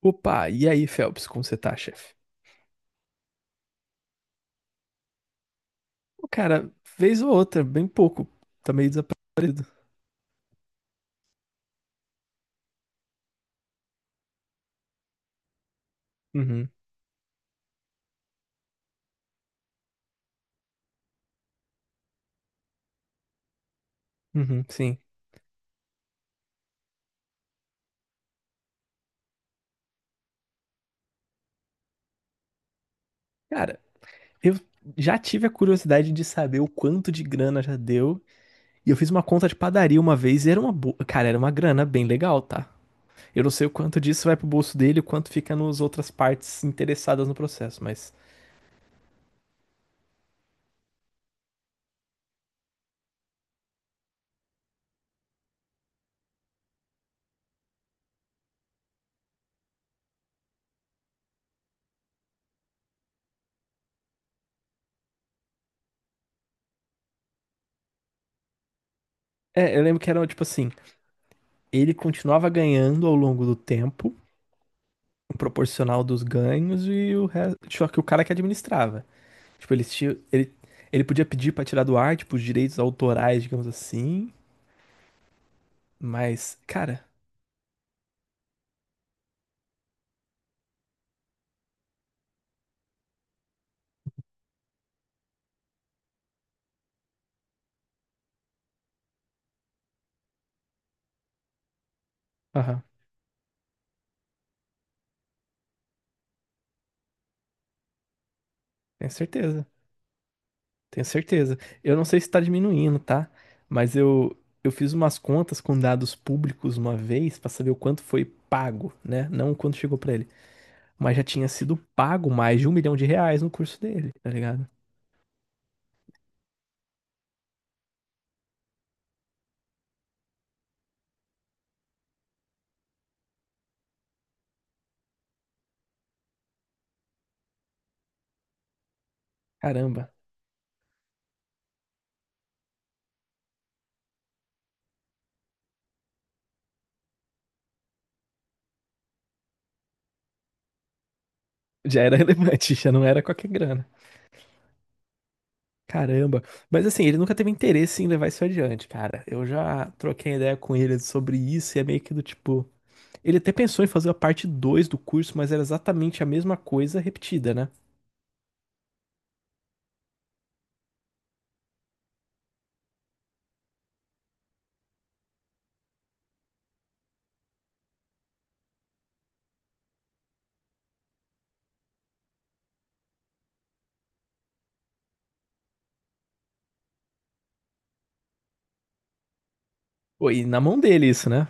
Opa, e aí, Phelps, como você tá, chefe? O cara, vez ou outra, bem pouco. Tá meio desaparecido. Uhum, uhum, sim. Cara, eu já tive a curiosidade de saber o quanto de grana já deu. E eu fiz uma conta de padaria uma vez e era uma boa. Cara, era uma grana bem legal, tá? Eu não sei o quanto disso vai pro bolso dele e o quanto fica nas outras partes interessadas no processo, mas. É, eu lembro que era tipo assim: ele continuava ganhando ao longo do tempo, um proporcional dos ganhos e o resto. Só que o cara que administrava. Tipo, ele podia pedir pra tirar do ar, tipo, os direitos autorais, digamos assim. Mas, cara, aham, tenho certeza. Tenho certeza. Eu não sei se tá diminuindo, tá? Mas eu, eu fiz umas contas com dados públicos uma vez pra saber o quanto foi pago, né? Não o quanto chegou pra ele. Mas já tinha sido pago mais de R$ 1.000.000 no curso dele, tá ligado? Caramba. Já era relevante, já não era qualquer grana. Caramba. Mas assim, ele nunca teve interesse em levar isso adiante, cara. Eu já troquei ideia com ele sobre isso e é meio que do tipo. Ele até pensou em fazer a parte 2 do curso, mas era exatamente a mesma coisa repetida, né? Pô, e na mão dele isso, né?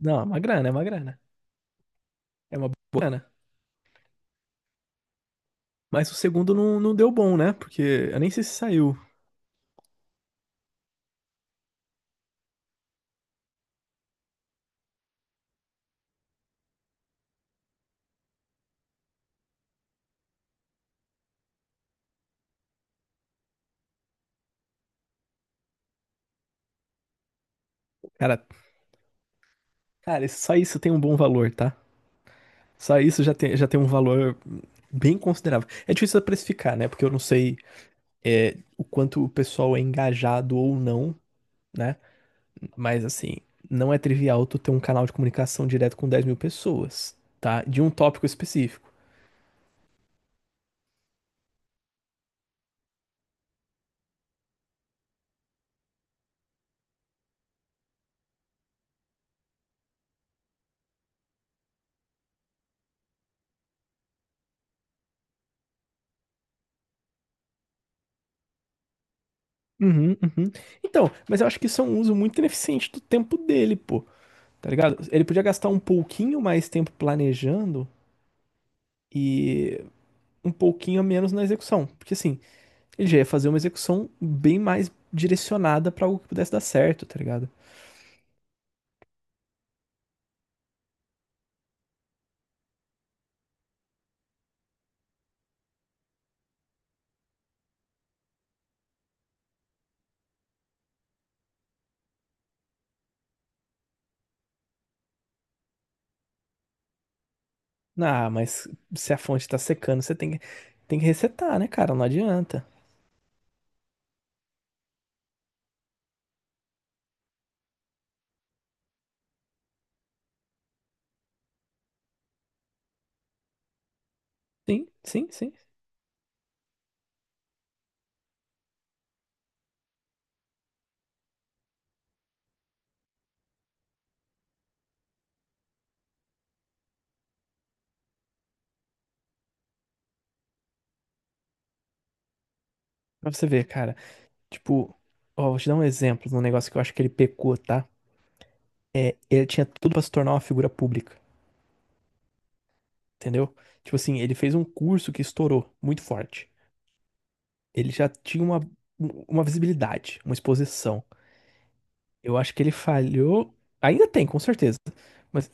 Não, é uma grana, é uma grana. É uma boa grana. Mas o segundo não, não deu bom, né? Porque eu nem sei se saiu. Cara, cara, só isso tem um bom valor, tá? Só isso já tem um valor bem considerável. É difícil precificar, né? Porque eu não sei é, o quanto o pessoal é engajado ou não, né? Mas assim, não é trivial tu ter um canal de comunicação direto com 10.000 pessoas, tá? De um tópico específico. Uhum, uhum. Então, mas eu acho que isso é um uso muito ineficiente do tempo dele, pô. Tá ligado? Ele podia gastar um pouquinho mais tempo planejando e um pouquinho a menos na execução. Porque assim, ele já ia fazer uma execução bem mais direcionada pra algo que pudesse dar certo, tá ligado? Ah, mas se a fonte tá secando, você tem que resetar, né, cara? Não adianta. Sim, sim, sim. Pra você ver, cara. Tipo, ó, vou te dar um exemplo de um negócio que eu acho que ele pecou, tá? É, ele tinha tudo pra se tornar uma figura pública, entendeu? Tipo assim, ele fez um curso que estourou muito forte. Ele já tinha uma visibilidade, uma exposição. Eu acho que ele falhou. Ainda tem, com certeza. Mas,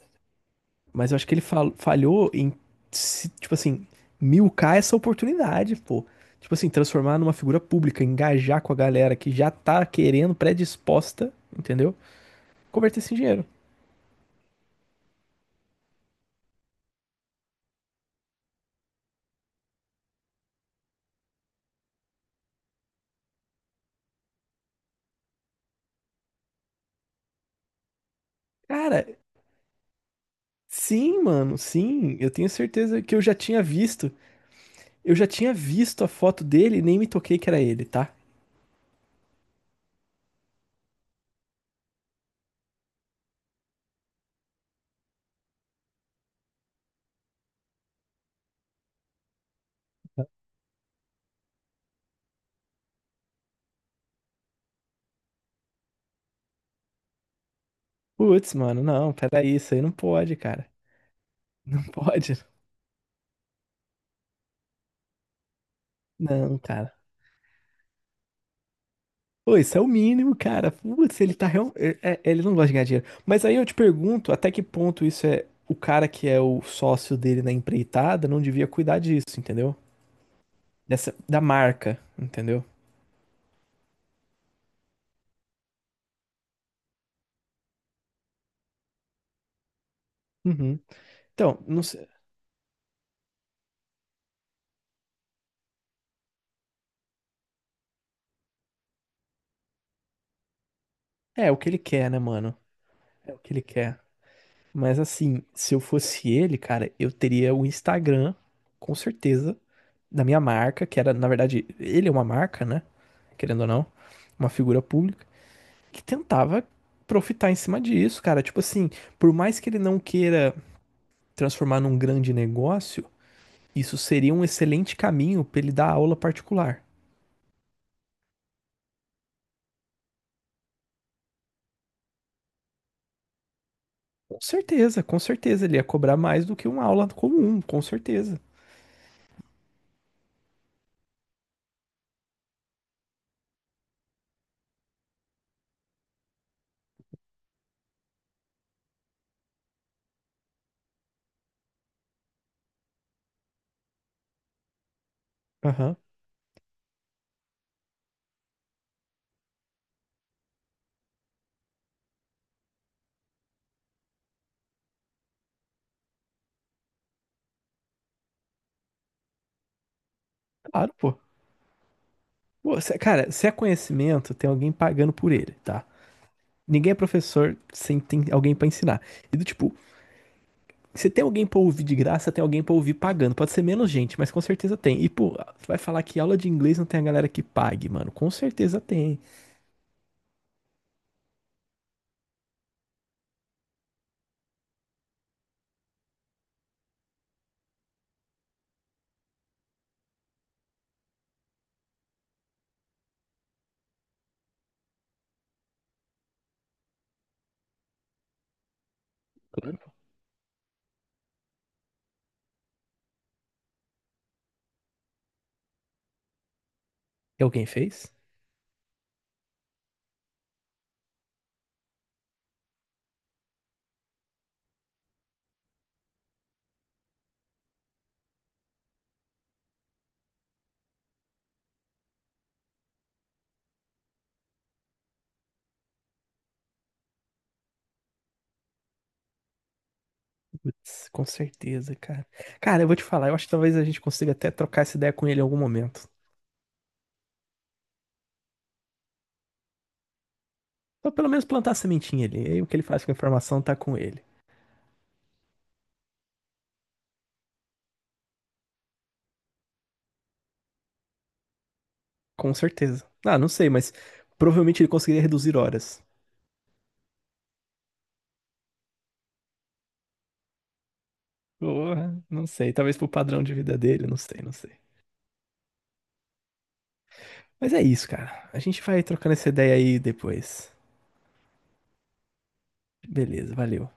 mas eu acho que ele falhou em, tipo assim, milcar essa oportunidade, pô. Tipo assim, transformar numa figura pública, engajar com a galera que já tá querendo, predisposta, entendeu? Converter isso em dinheiro. Cara, sim, mano, sim. Eu tenho certeza que eu já tinha visto. Eu já tinha visto a foto dele e nem me toquei que era ele, tá? Putz, mano, não, peraí, isso aí não pode, cara. Não pode. Não, cara. Pô, isso é o mínimo, cara. Putz, ele tá real... ele não gosta de ganhar dinheiro. Mas aí eu te pergunto, até que ponto isso é o cara que é o sócio dele na empreitada não devia cuidar disso, entendeu? Dessa da marca, entendeu? Uhum. Então, não sei. É o que ele quer, né, mano? É o que ele quer. Mas assim, se eu fosse ele, cara, eu teria o Instagram, com certeza, da minha marca, que era, na verdade, ele é uma marca, né? Querendo ou não, uma figura pública, que tentava profitar em cima disso, cara. Tipo assim, por mais que ele não queira transformar num grande negócio, isso seria um excelente caminho pra ele dar aula particular. Com certeza, ele ia cobrar mais do que uma aula comum, com certeza. Aham, claro, pô. Cara, se é conhecimento, tem alguém pagando por ele, tá? Ninguém é professor sem ter alguém pra ensinar. E do tipo, você tem alguém pra ouvir de graça, tem alguém pra ouvir pagando. Pode ser menos gente, mas com certeza tem. E, pô, você vai falar que aula de inglês não tem a galera que pague, mano. Com certeza tem. Claro. E alguém fez? Com certeza, cara. Cara, eu vou te falar, eu acho que talvez a gente consiga até trocar essa ideia com ele em algum momento. Ou pelo menos plantar a sementinha ali. E aí o que ele faz com a informação tá com ele. Com certeza. Ah, não sei, mas provavelmente ele conseguiria reduzir horas. Porra, não sei. Talvez pro padrão de vida dele, não sei, não sei. Mas é isso, cara. A gente vai trocando essa ideia aí depois. Beleza, valeu.